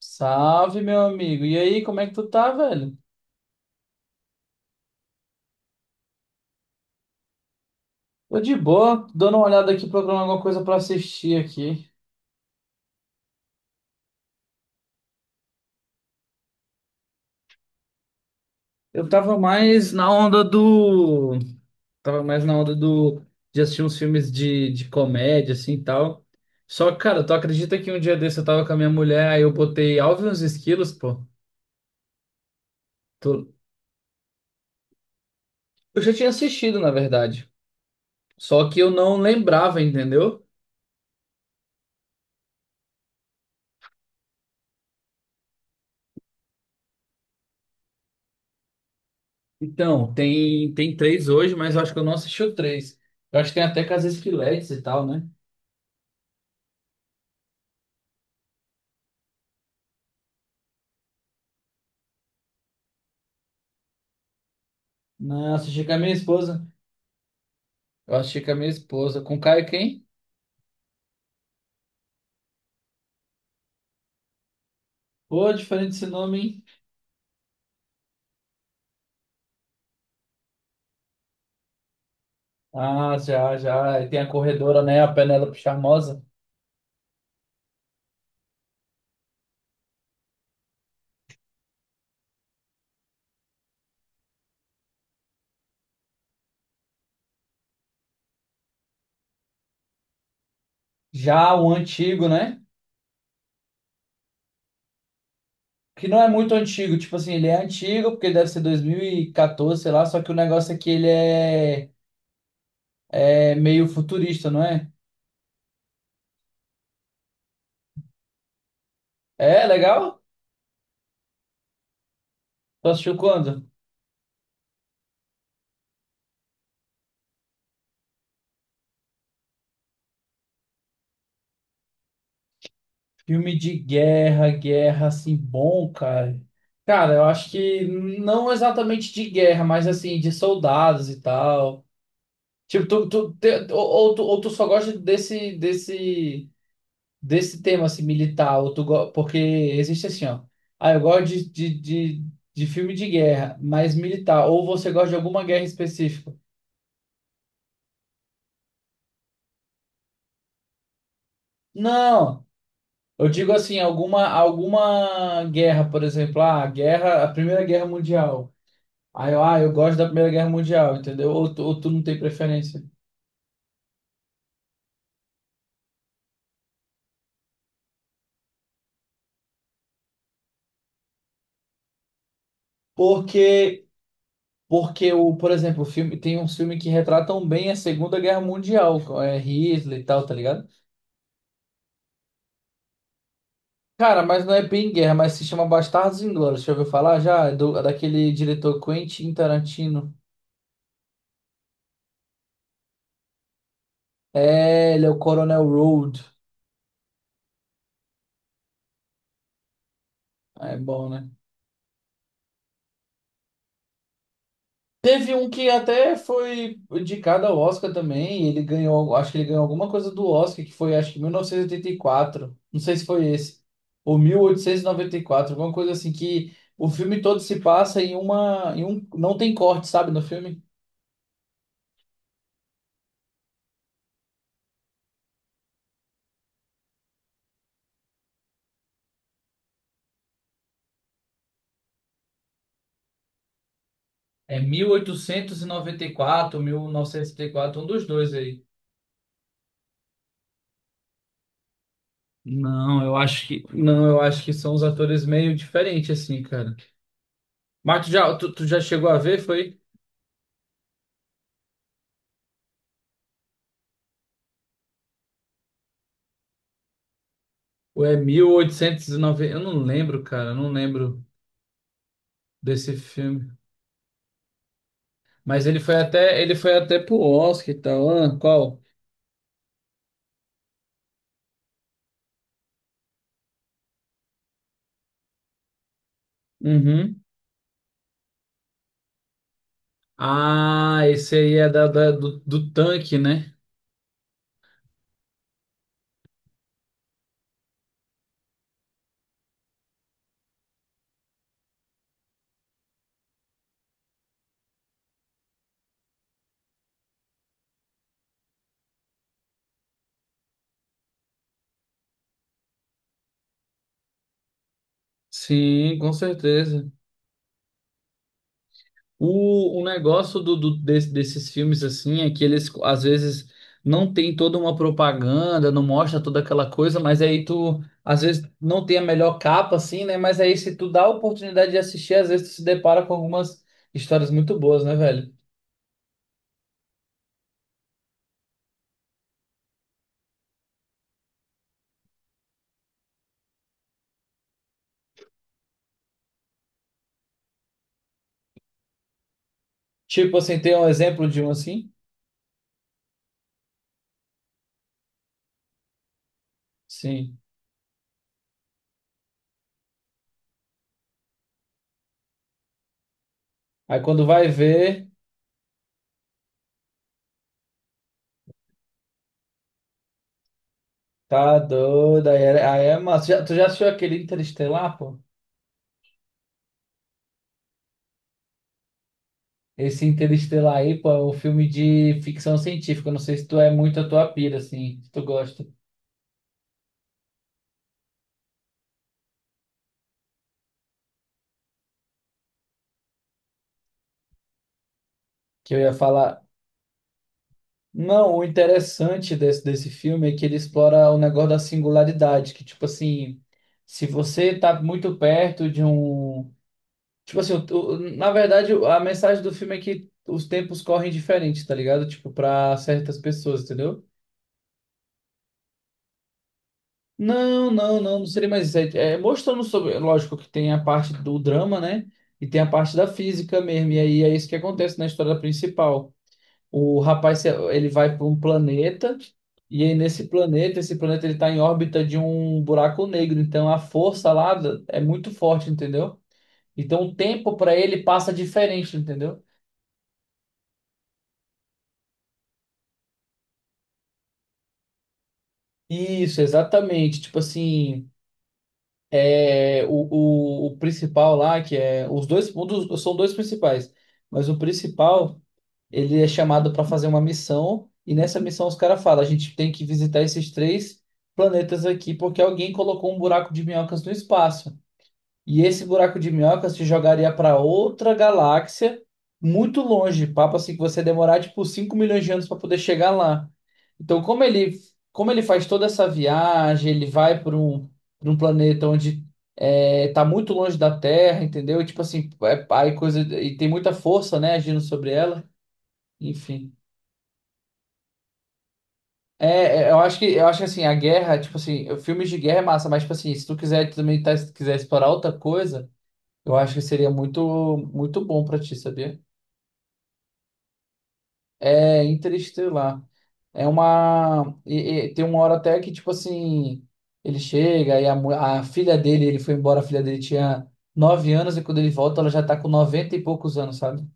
Salve, meu amigo. E aí, como é que tu tá, velho? Tô de boa, tô dando uma olhada aqui, procurando alguma coisa pra assistir aqui. Eu tava mais na onda do. Tava mais na onda do. De assistir uns filmes de comédia, assim e tal. Só que, cara, tu acredita que um dia desse eu tava com a minha mulher, aí eu botei Alvin e os Esquilos, pô. Tu- Eu já tinha assistido, na verdade. Só que eu não lembrava, entendeu? Então, tem três hoje, mas eu acho que eu não assisti o três. Eu acho que tem até com as Esquiletes e tal, né? Não, assisti com a minha esposa. Eu assisti com a minha esposa. Com o Caio quem? Pô, diferente esse nome, hein? Ah, já, já. E tem a corredora, né? A Penélope Charmosa. Já o antigo, né? Que não é muito antigo. Tipo assim, ele é antigo, porque deve ser 2014, sei lá. Só que o negócio é que ele é meio futurista, não é? É, legal? Tu assistiu quando? Filme de guerra, guerra, assim, bom, cara. Cara, eu acho que não exatamente de guerra, mas assim, de soldados e tal. Tipo, ou tu só gosta desse tema, assim, militar, porque existe assim, ó. Ah, eu gosto de filme de guerra, mas militar. Ou você gosta de alguma guerra específica? Não! Eu digo assim, alguma guerra, por exemplo, ah, a guerra, a Primeira Guerra Mundial. Ah, eu gosto da Primeira Guerra Mundial, entendeu? Ou tu não tem preferência. Porque Porque o, por exemplo, o filme tem uns filmes que retratam bem a Segunda Guerra Mundial, é Hitler e tal, tá ligado? Cara, mas não é bem guerra, mas se chama Bastardos Inglórios. Já ouviu falar? Já é daquele diretor Quentin Tarantino? É, ele é o Coronel Road. É bom, né? Teve um que até foi indicado ao Oscar também, e ele ganhou, acho que ele ganhou alguma coisa do Oscar, que foi acho que 1984, não sei se foi esse, ou 1894, alguma coisa assim, que o filme todo se passa em uma, em um, não tem corte, sabe, no filme? É 1894, 1984, um dos dois aí. Não, eu acho que não, eu acho que são os atores meio diferentes assim, cara. Mas tu já chegou a ver, foi? Ou é 1890, eu não lembro, cara, eu não lembro desse filme. Mas ele foi até pro Oscar e tal. Ah, qual? Uhum. Ah, esse aí é do tanque, né? Sim, com certeza. O negócio desses filmes assim é que eles às vezes não tem toda uma propaganda, não mostra toda aquela coisa, mas aí tu às vezes não tem a melhor capa assim, né? Mas aí se tu dá a oportunidade de assistir, às vezes tu se depara com algumas histórias muito boas, né, velho? Tipo assim, tem um exemplo de um assim? Sim. Aí quando vai ver, tá doido, aí é massa. Tu já assistiu aquele Interestelar, pô? Esse Interestelar aí, pô, é um filme de ficção científica. Eu não sei se tu é muito a tua pira, assim, se tu gosta. Que eu ia falar. Não, o interessante desse filme é que ele explora o negócio da singularidade, que, tipo assim, se você tá muito perto de um. Tipo assim, na verdade, a mensagem do filme é que os tempos correm diferente, tá ligado? Tipo, pra certas pessoas, entendeu? Não, não, não, não seria mais isso. É mostrando sobre. Lógico que tem a parte do drama, né? E tem a parte da física mesmo. E aí é isso que acontece na história principal. O rapaz, ele vai para um planeta. E aí nesse planeta, esse planeta ele está em órbita de um buraco negro. Então a força lá é muito forte, entendeu? Então o tempo para ele passa diferente, entendeu? Isso, exatamente. Tipo assim. É, o principal lá, que é os dois, são dois principais, mas o principal, ele é chamado para fazer uma missão, e nessa missão os caras falam, a gente tem que visitar esses três planetas aqui, porque alguém colocou um buraco de minhocas no espaço. E esse buraco de minhoca se jogaria para outra galáxia muito longe, papo assim que você ia demorar tipo 5 milhões de anos para poder chegar lá. Então, como ele faz toda essa viagem, ele vai para um, planeta onde é, tá muito longe da Terra, entendeu? E, tipo assim, é, aí coisa e tem muita força, né, agindo sobre ela. Enfim. É, eu acho que assim, a guerra, tipo assim, filmes de guerra é massa, mas tipo assim, se tu quiser também tá, se quiser explorar outra coisa, eu acho que seria muito, muito bom pra ti, sabia? É Interestelar. É uma. E tem uma hora até que, tipo assim, ele chega e a filha dele, ele foi embora, a filha dele tinha 9 anos, e quando ele volta, ela já tá com 90 e poucos anos, sabe?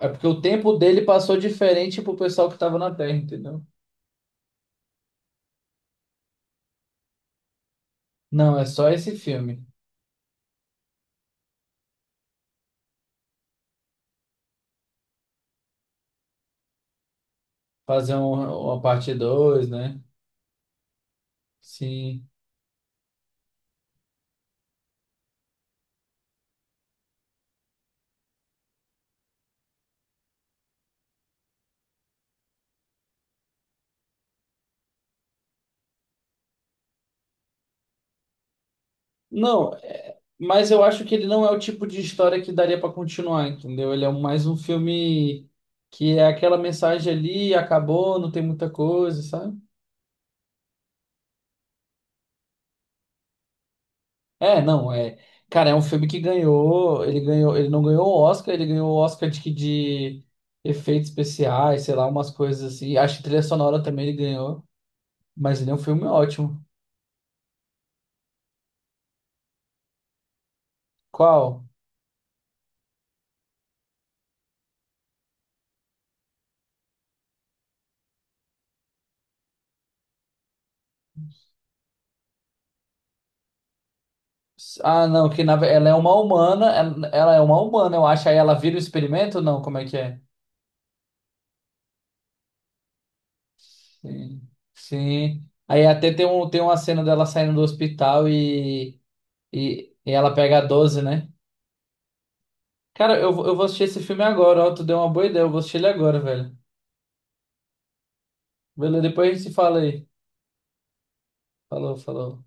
É porque o tempo dele passou diferente pro pessoal que tava na Terra, entendeu? Não, é só esse filme. Fazer uma parte 2, né? Sim. Não, mas eu acho que ele não é o tipo de história que daria pra continuar, entendeu? Ele é um, mais um filme que é aquela mensagem ali, acabou, não tem muita coisa, sabe? É, não, é. Cara, é um filme que ganhou, ele não ganhou o Oscar, ele ganhou o Oscar de efeitos especiais, sei lá, umas coisas assim. Acho que trilha sonora também ele ganhou, mas ele é um filme ótimo. Qual? Ah, não, que ela é uma humana, ela é uma humana, eu acho. Aí ela vira o experimento? Não, como é que é? Sim. Sim. Aí até tem uma cena dela saindo do hospital e ela pega a doze, né? Cara, eu vou assistir esse filme agora, ó. Tu deu uma boa ideia, eu vou assistir ele agora, velho. Beleza, depois a gente se fala aí. Falou, falou.